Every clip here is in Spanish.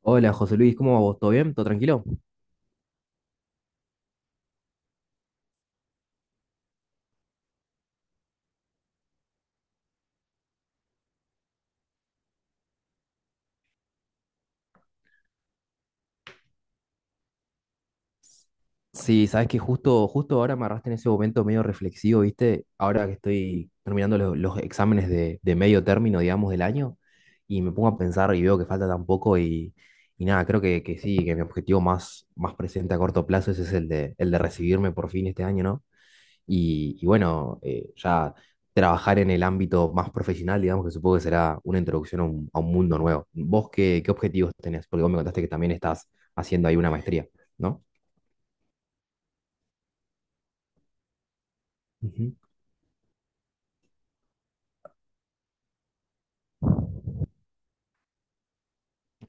Hola José Luis, ¿cómo va vos? ¿Todo bien? ¿Todo tranquilo? Sí, sabes que justo ahora me agarraste en ese momento medio reflexivo, ¿viste? Ahora que estoy terminando los exámenes de medio término, digamos, del año, y me pongo a pensar y veo que falta tan poco y nada, creo que sí, que mi objetivo más presente a corto plazo ese es el de recibirme por fin este año, ¿no? Y bueno, ya trabajar en el ámbito más profesional, digamos que supongo que será una introducción a un mundo nuevo. ¿Vos qué objetivos tenés? Porque vos me contaste que también estás haciendo ahí una maestría, ¿no? Ujú,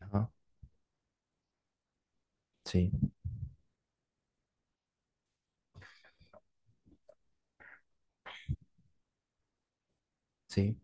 ajá, sí, sí.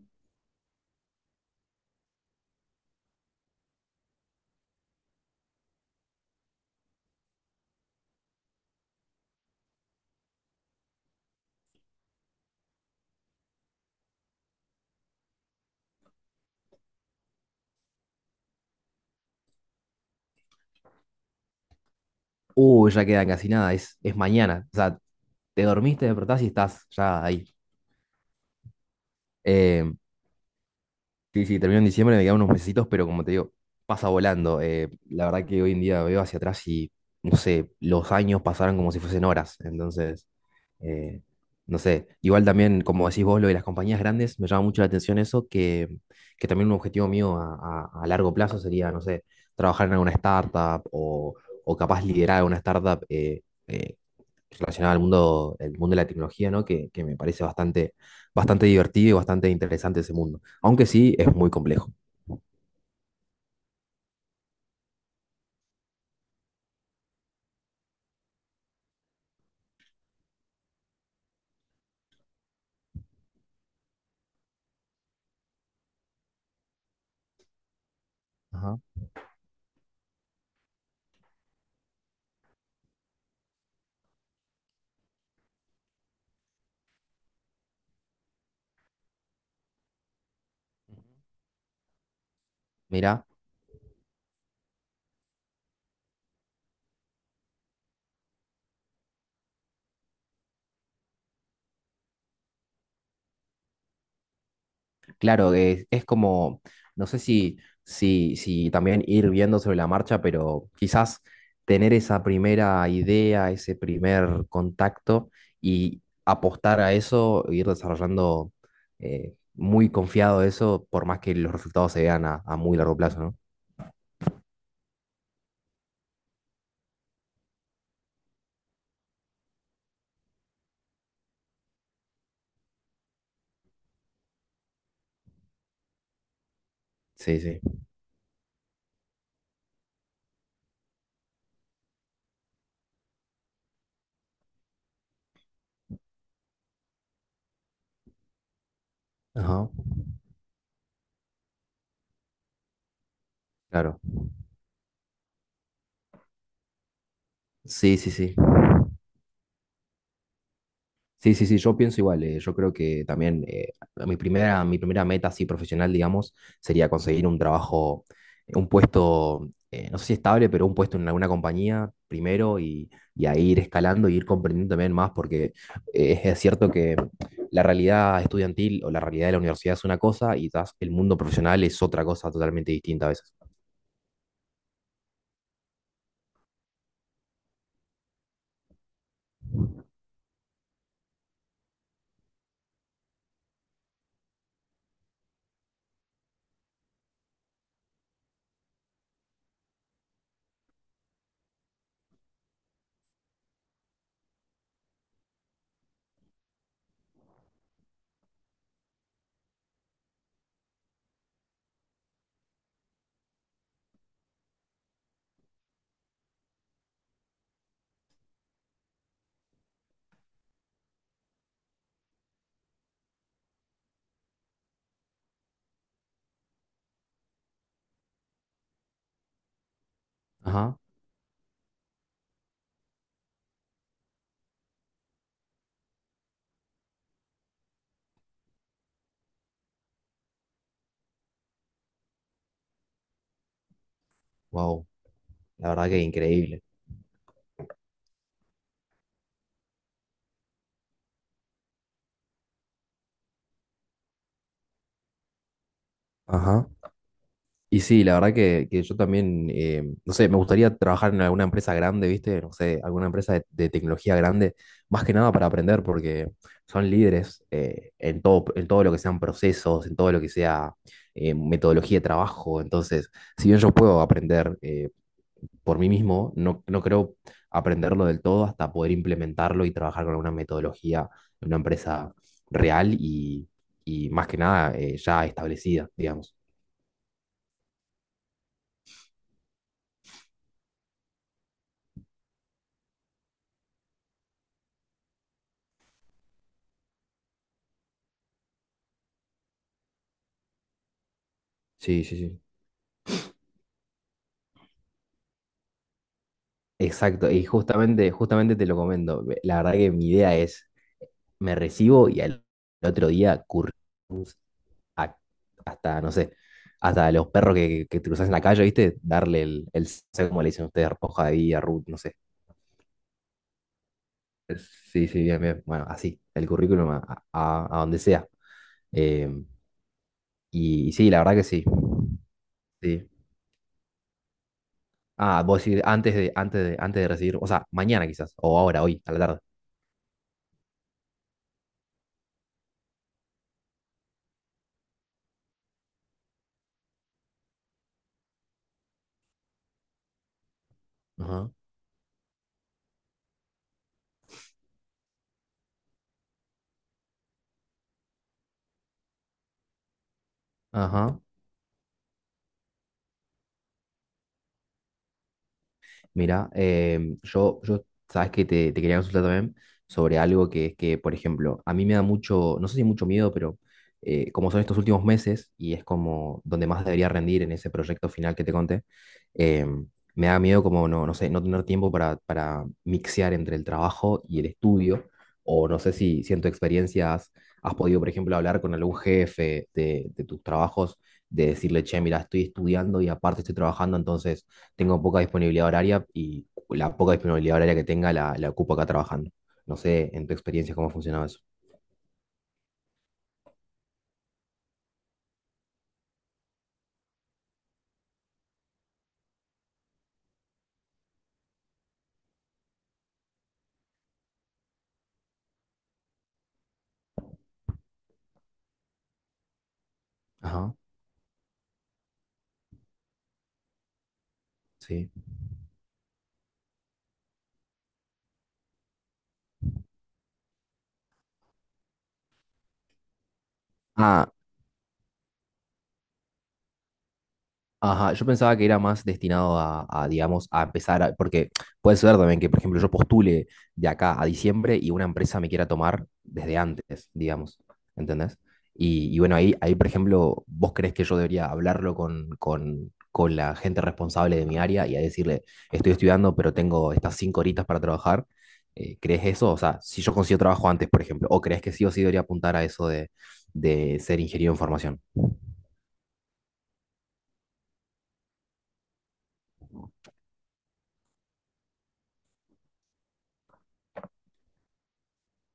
Ya queda casi nada, es mañana. O sea, te dormiste, te despertás y estás ya ahí. Eh, sí, sí, termino en diciembre, me quedan unos mesecitos, pero como te digo, pasa volando. La verdad que hoy en día veo hacia atrás y, no sé, los años pasaron como si fuesen horas. Entonces... Eh, no sé, igual también, como decís vos, lo de las compañías grandes, me llama mucho la atención eso, que también un objetivo mío a largo plazo sería, no sé, trabajar en alguna startup o capaz liderar alguna startup eh, relacionada al mundo, el mundo de la tecnología, ¿no? Que me parece bastante divertido y bastante interesante ese mundo, aunque sí es muy complejo. Ajá. Mirá. Claro, es como, no sé si si también ir viendo sobre la marcha, pero quizás tener esa primera idea, ese primer contacto y apostar a eso, ir desarrollando muy confiado eso, por más que los resultados se vean a muy largo plazo, ¿no? Sí, sí. Ajá, claro. Sí, sí, sí. Sí, sí, sí, yo pienso igual. Yo creo que también mi primera meta así profesional, digamos, sería conseguir un trabajo, un puesto, no sé si estable, pero un puesto en alguna compañía primero y ahí ir escalando y ir comprendiendo también más, porque es cierto que la realidad estudiantil o la realidad de la universidad es una cosa y quizás el mundo profesional es otra cosa totalmente distinta a veces. Ajá, wow, la verdad que increíble. Ajá. Y sí, la verdad que yo también, no sé, me gustaría trabajar en alguna empresa grande, ¿viste? No sé, alguna empresa de tecnología grande, más que nada para aprender, porque son líderes en todo lo que sean procesos, en todo lo que sea metodología de trabajo. Entonces, si bien yo puedo aprender por mí mismo, no creo aprenderlo del todo hasta poder implementarlo y trabajar con alguna metodología en una empresa real y más que nada ya establecida, digamos. Sí, sí, sí. Exacto, y justamente te lo comento. La verdad que mi idea es, me recibo y al otro día currículums a- hasta, no sé, hasta los perros que te cruzas en la calle, ¿viste? Darle el no sé cómo le dicen ustedes, hoja de vida, root, no sé. Sí, sí, bien, bien. Bueno, así, el currículum a donde sea. Eh, y sí, la verdad que sí, sí. Ah, vos decís antes de recibir, o sea, mañana quizás, o ahora, hoy, a la tarde. Ajá, ajá. Mira, sabes que te quería consultar también sobre algo que es que, por ejemplo, a mí me da mucho, no sé si mucho miedo, pero como son estos últimos meses y es como donde más debería rendir en ese proyecto final que te conté, em, me da miedo como, no sé, no tener tiempo para mixear entre el trabajo y el estudio, o no sé si en tu experiencia has, has podido, por ejemplo, hablar con algún jefe de tus trabajos, de decirle, che, mira, estoy estudiando y aparte estoy trabajando, entonces tengo poca disponibilidad horaria y la poca disponibilidad horaria que tenga la ocupo acá trabajando. No sé, en tu experiencia, cómo ha funcionado eso. Ajá, sí. ah Ajá, yo pensaba que era más destinado digamos, a empezar, porque puede ser también que, por ejemplo, yo postule de acá a diciembre y una empresa me quiera tomar desde antes, digamos, ¿entendés? Y bueno, ahí, por ejemplo, vos crees que yo debería hablarlo con con la gente responsable de mi área y a decirle, estoy estudiando, pero tengo estas cinco horitas para trabajar. ¿Crees eso? O sea, si yo consigo trabajo antes, por ejemplo, ¿o crees que sí o sí debería apuntar a eso de ser ingeniero en formación?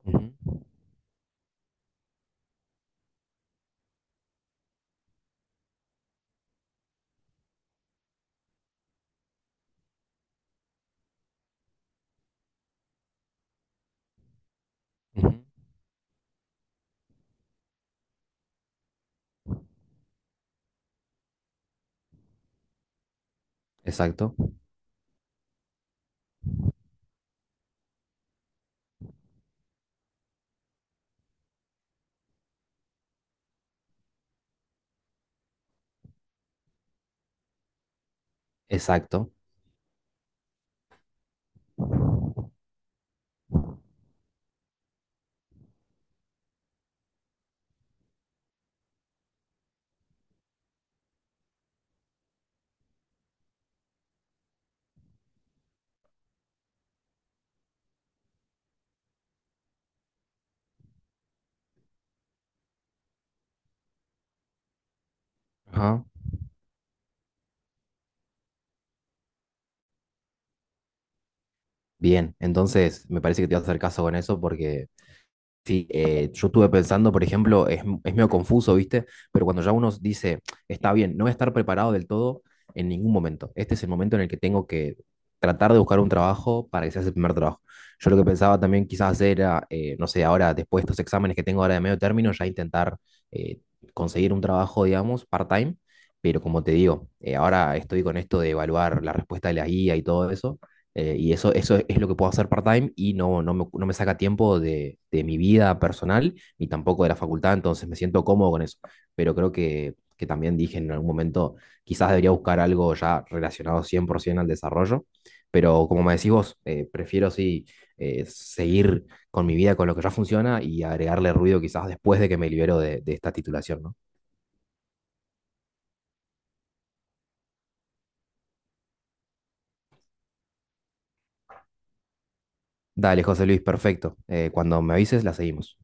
Ujú, ujú, Exacto. Exacto. Ajá. Bien, entonces me parece que te vas a hacer caso con eso porque sí, yo estuve pensando, por ejemplo, es medio confuso, ¿viste? Pero cuando ya uno dice, está bien, no voy a estar preparado del todo en ningún momento. Este es el momento en el que tengo que tratar de buscar un trabajo para que sea ese primer trabajo. Yo lo que pensaba también quizás hacer era, no sé, ahora después de estos exámenes que tengo ahora de medio término, ya intentar eh, conseguir un trabajo, digamos, part-time. Pero como te digo, ahora estoy con esto de evaluar la respuesta de la guía y todo eso. Eso es lo que puedo hacer part-time y no, no me, no me saca tiempo de mi vida personal ni tampoco de la facultad, entonces me siento cómodo con eso. Pero creo que también dije en algún momento, quizás debería buscar algo ya relacionado 100% al desarrollo, pero como me decís vos, prefiero sí seguir con mi vida, con lo que ya funciona y agregarle ruido quizás después de que me libero de esta titulación, ¿no? Dale, José Luis, perfecto. Cuando me avises, la seguimos.